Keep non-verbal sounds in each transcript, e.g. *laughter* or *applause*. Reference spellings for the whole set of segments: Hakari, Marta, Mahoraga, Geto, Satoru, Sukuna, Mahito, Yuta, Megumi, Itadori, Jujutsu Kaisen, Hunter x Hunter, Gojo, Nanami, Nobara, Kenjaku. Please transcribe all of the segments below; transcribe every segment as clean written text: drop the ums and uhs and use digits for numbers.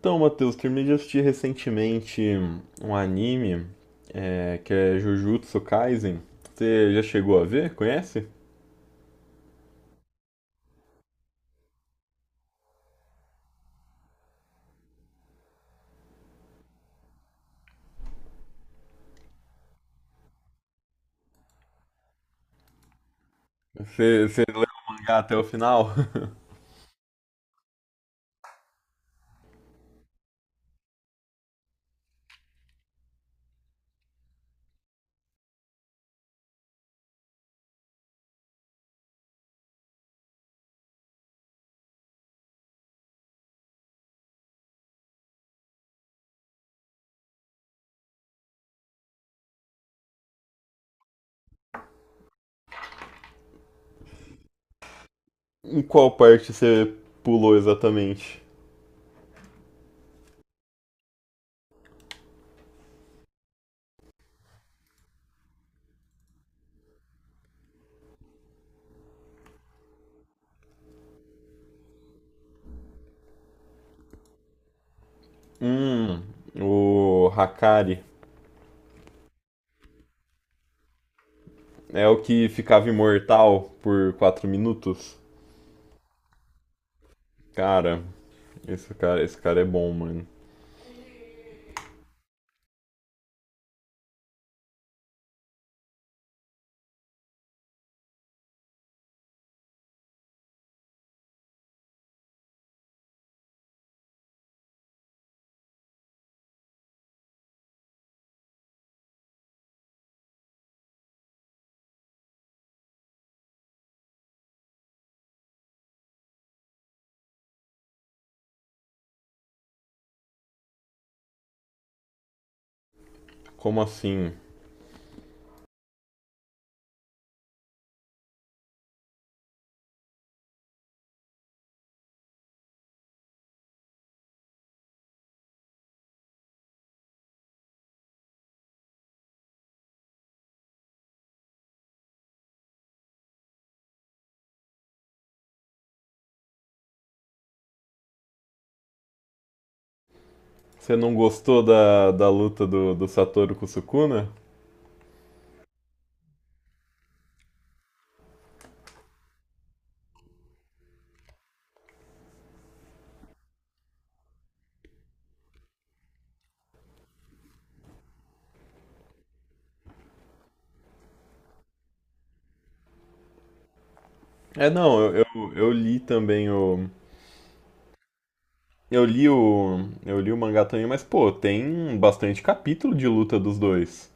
Então, Matheus, terminei de assistir recentemente um anime, que é Jujutsu Kaisen. Você já chegou a ver? Conhece? Você leu o mangá até o final? *laughs* Em qual parte você pulou exatamente? Hum, o Hakari. É o que ficava imortal por 4 minutos? Cara, esse cara é bom, mano. Como assim? Você não gostou da luta do Satoru com o Sukuna? É, não, eu li também o. Eu li o. Eu li o mangá também, mas, pô, tem bastante capítulo de luta dos dois.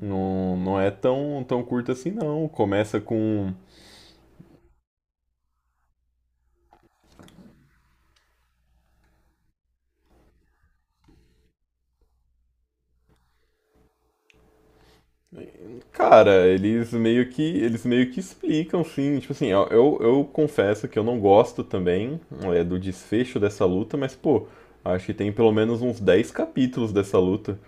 Não, não é tão, tão curto assim, não. Começa com. Cara, eles meio que explicam, sim. Tipo assim, ó, eu confesso que eu não gosto também do desfecho dessa luta, mas pô, acho que tem pelo menos uns 10 capítulos dessa luta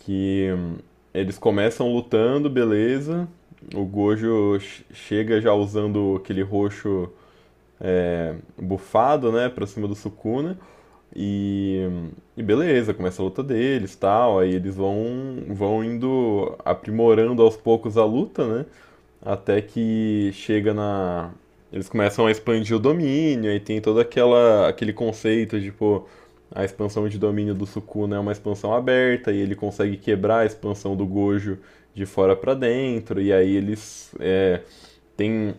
que eles começam lutando, beleza. O Gojo chega já usando aquele roxo bufado, né, pra cima do Sukuna e, hum, e beleza, começa a luta deles, tal. Aí eles vão indo aprimorando aos poucos a luta, né? Até que chega na. Eles começam a expandir o domínio, aí tem todo aquele conceito de, pô, a expansão de domínio do Sukuna é uma expansão aberta, e ele consegue quebrar a expansão do Gojo de fora pra dentro, e aí eles é, tem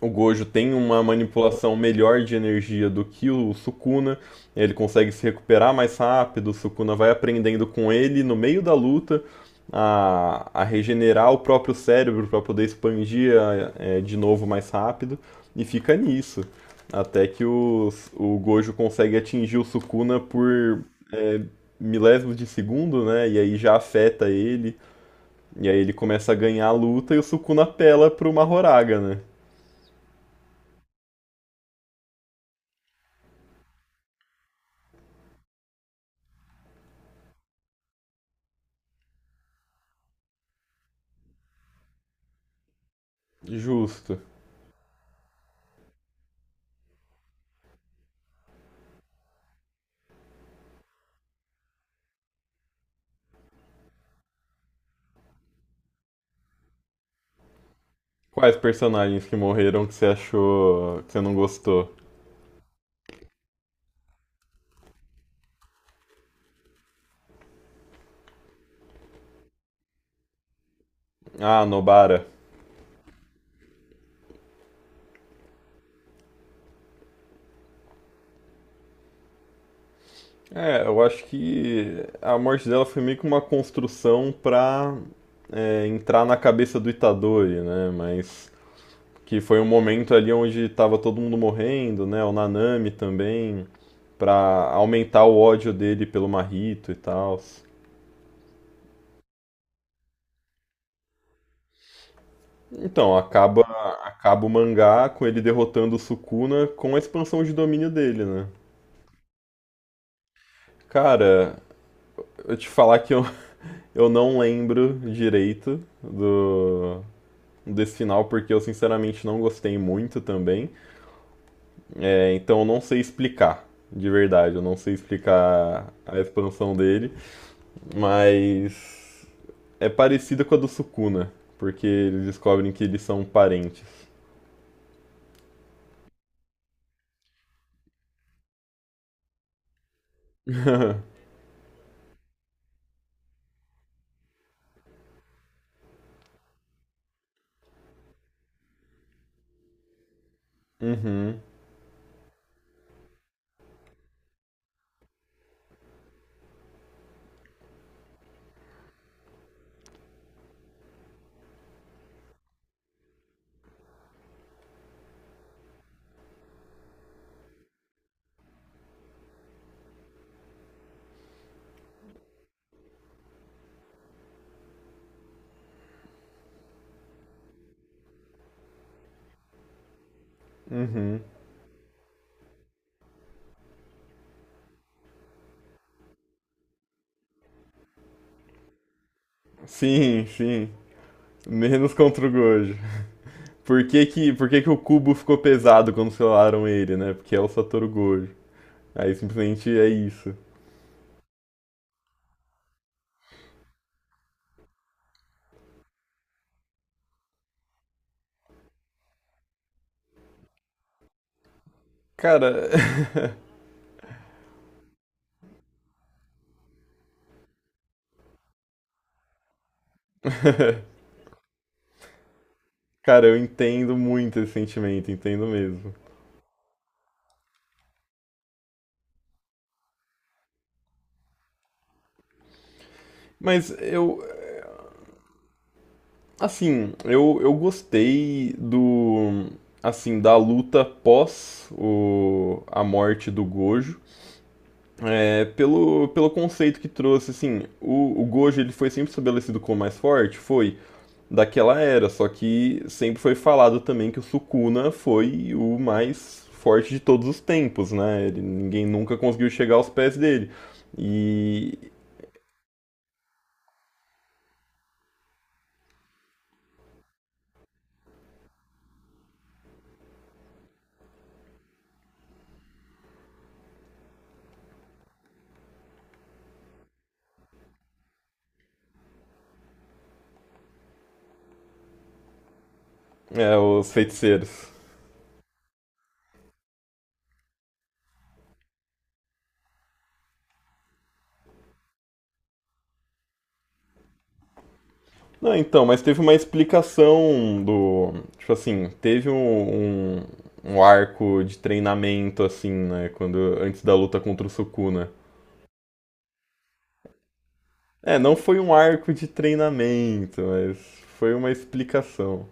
o Gojo tem uma manipulação melhor de energia do que o Sukuna, ele consegue se recuperar mais rápido, o Sukuna vai aprendendo com ele no meio da luta a regenerar o próprio cérebro para poder expandir de novo mais rápido, e fica nisso. Até que o Gojo consegue atingir o Sukuna por é, milésimos de segundo, né? E aí já afeta ele, e aí ele começa a ganhar a luta e o Sukuna apela pro Mahoraga, né? Justo. Quais personagens que morreram que você achou que você não gostou? Ah, Nobara. É, eu acho que a morte dela foi meio que uma construção pra entrar na cabeça do Itadori, né? Mas que foi um momento ali onde tava todo mundo morrendo, né? O Nanami também, pra aumentar o ódio dele pelo Mahito e tal. Então, acaba o mangá com ele derrotando o Sukuna com a expansão de domínio dele, né? Cara, eu te falar que eu. Eu não lembro direito do desse final porque eu sinceramente não gostei muito também. É, então eu não sei explicar, de verdade, eu não sei explicar a expansão dele, mas é parecida com a do Sukuna, porque eles descobrem que eles são parentes. Uhum. Sim, sim. Menos contra o Gojo. Por que que o cubo ficou pesado quando selaram ele, né? Porque é o Satoru Gojo. Aí simplesmente é isso. Cara. *laughs* Cara, eu entendo muito esse sentimento, entendo mesmo. Mas eu, assim, eu gostei do, assim, da luta pós a morte do Gojo. É, pelo conceito que trouxe, assim, o Gojo ele foi sempre estabelecido como mais forte, foi daquela era, só que sempre foi falado também que o Sukuna foi o mais forte de todos os tempos, né? Ele, ninguém nunca conseguiu chegar aos pés dele. E, é, os feiticeiros. Não, então, mas teve uma explicação do. Tipo assim, teve um arco de treinamento, assim, né? Quando, antes da luta contra o Sukuna. É, não foi um arco de treinamento, mas foi uma explicação.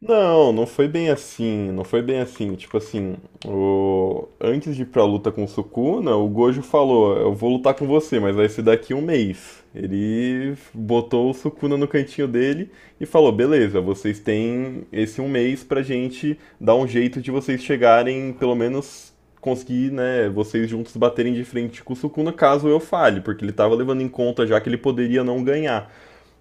Não, não foi bem assim, não foi bem assim. Tipo assim, antes de ir pra luta com o Sukuna, o Gojo falou: Eu vou lutar com você, mas vai ser daqui um mês. Ele botou o Sukuna no cantinho dele e falou: Beleza, vocês têm esse um mês pra gente dar um jeito de vocês chegarem, pelo menos conseguir, né, vocês juntos baterem de frente com o Sukuna caso eu falhe, porque ele tava levando em conta já que ele poderia não ganhar.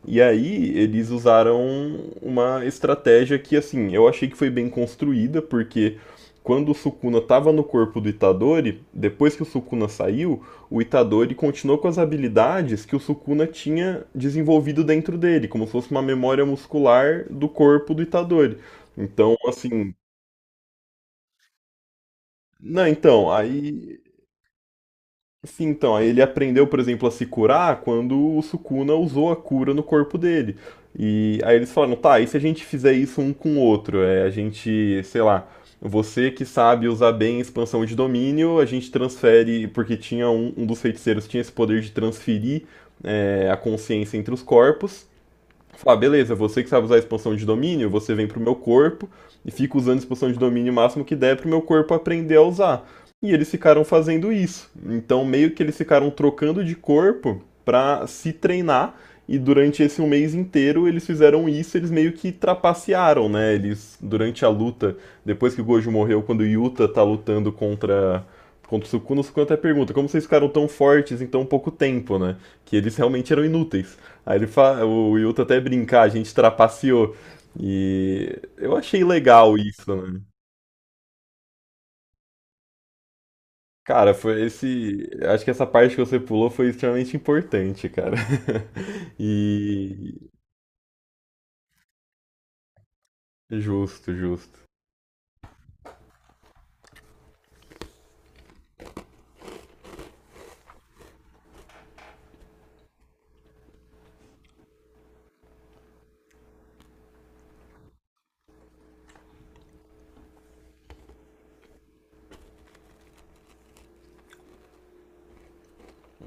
E aí eles usaram uma estratégia que, assim, eu achei que foi bem construída, porque quando o Sukuna estava no corpo do Itadori, depois que o Sukuna saiu, o Itadori continuou com as habilidades que o Sukuna tinha desenvolvido dentro dele, como se fosse uma memória muscular do corpo do Itadori. Então, assim, não, então, aí. Sim, então, aí ele aprendeu, por exemplo, a se curar quando o Sukuna usou a cura no corpo dele. E aí eles falaram, tá, e se a gente fizer isso um com o outro? É, a gente, sei lá, você que sabe usar bem a expansão de domínio, a gente transfere, porque tinha um dos feiticeiros tinha esse poder de transferir a consciência entre os corpos falar, beleza, você que sabe usar a expansão de domínio, você vem pro meu corpo e fica usando a expansão de domínio o máximo que der pro meu corpo aprender a usar. E eles ficaram fazendo isso. Então, meio que eles ficaram trocando de corpo pra se treinar. E durante esse um mês inteiro eles fizeram isso, eles meio que trapacearam, né? Eles, durante a luta, depois que o Gojo morreu, quando o Yuta tá lutando contra o Sukuna até pergunta, como vocês ficaram tão fortes em tão pouco tempo, né? Que eles realmente eram inúteis. Aí ele fala, o Yuta até brincar, a gente trapaceou. E eu achei legal isso, né? Cara, foi esse. Acho que essa parte que você pulou foi extremamente importante, cara. *laughs* E. Justo, justo.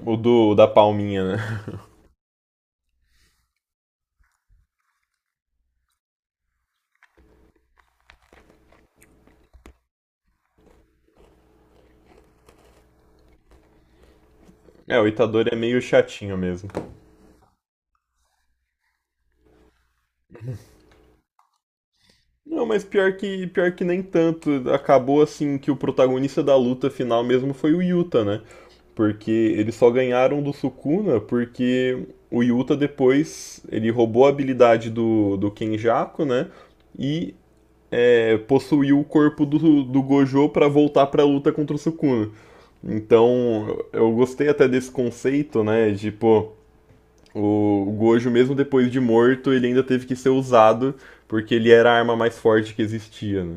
O da palminha, né? É, o Itadori é meio chatinho mesmo. Não, mas pior que nem tanto. Acabou assim que o protagonista da luta final mesmo foi o Yuta, né? Porque eles só ganharam do Sukuna porque o Yuta depois ele roubou a habilidade do Kenjaku, né? E possuiu o corpo do Gojo pra voltar pra luta contra o Sukuna. Então eu gostei até desse conceito, né? De pô, o Gojo, mesmo depois de morto, ele ainda teve que ser usado porque ele era a arma mais forte que existia, né?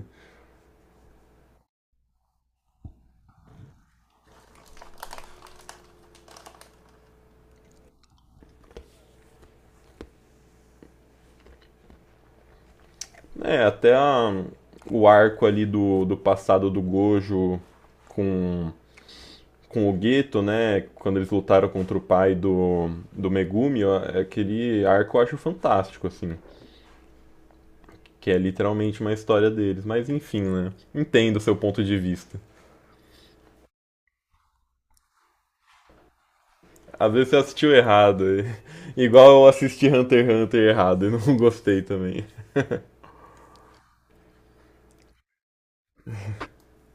É, até o arco ali do passado do Gojo com, com o Gueto, né? Quando eles lutaram contra o pai do Megumi, ó, é aquele arco eu acho fantástico, assim. Que é literalmente uma história deles. Mas enfim, né? Entendo o seu ponto de vista. Às vezes você assistiu errado. *laughs* Igual eu assisti Hunter x Hunter errado e não *laughs* gostei também.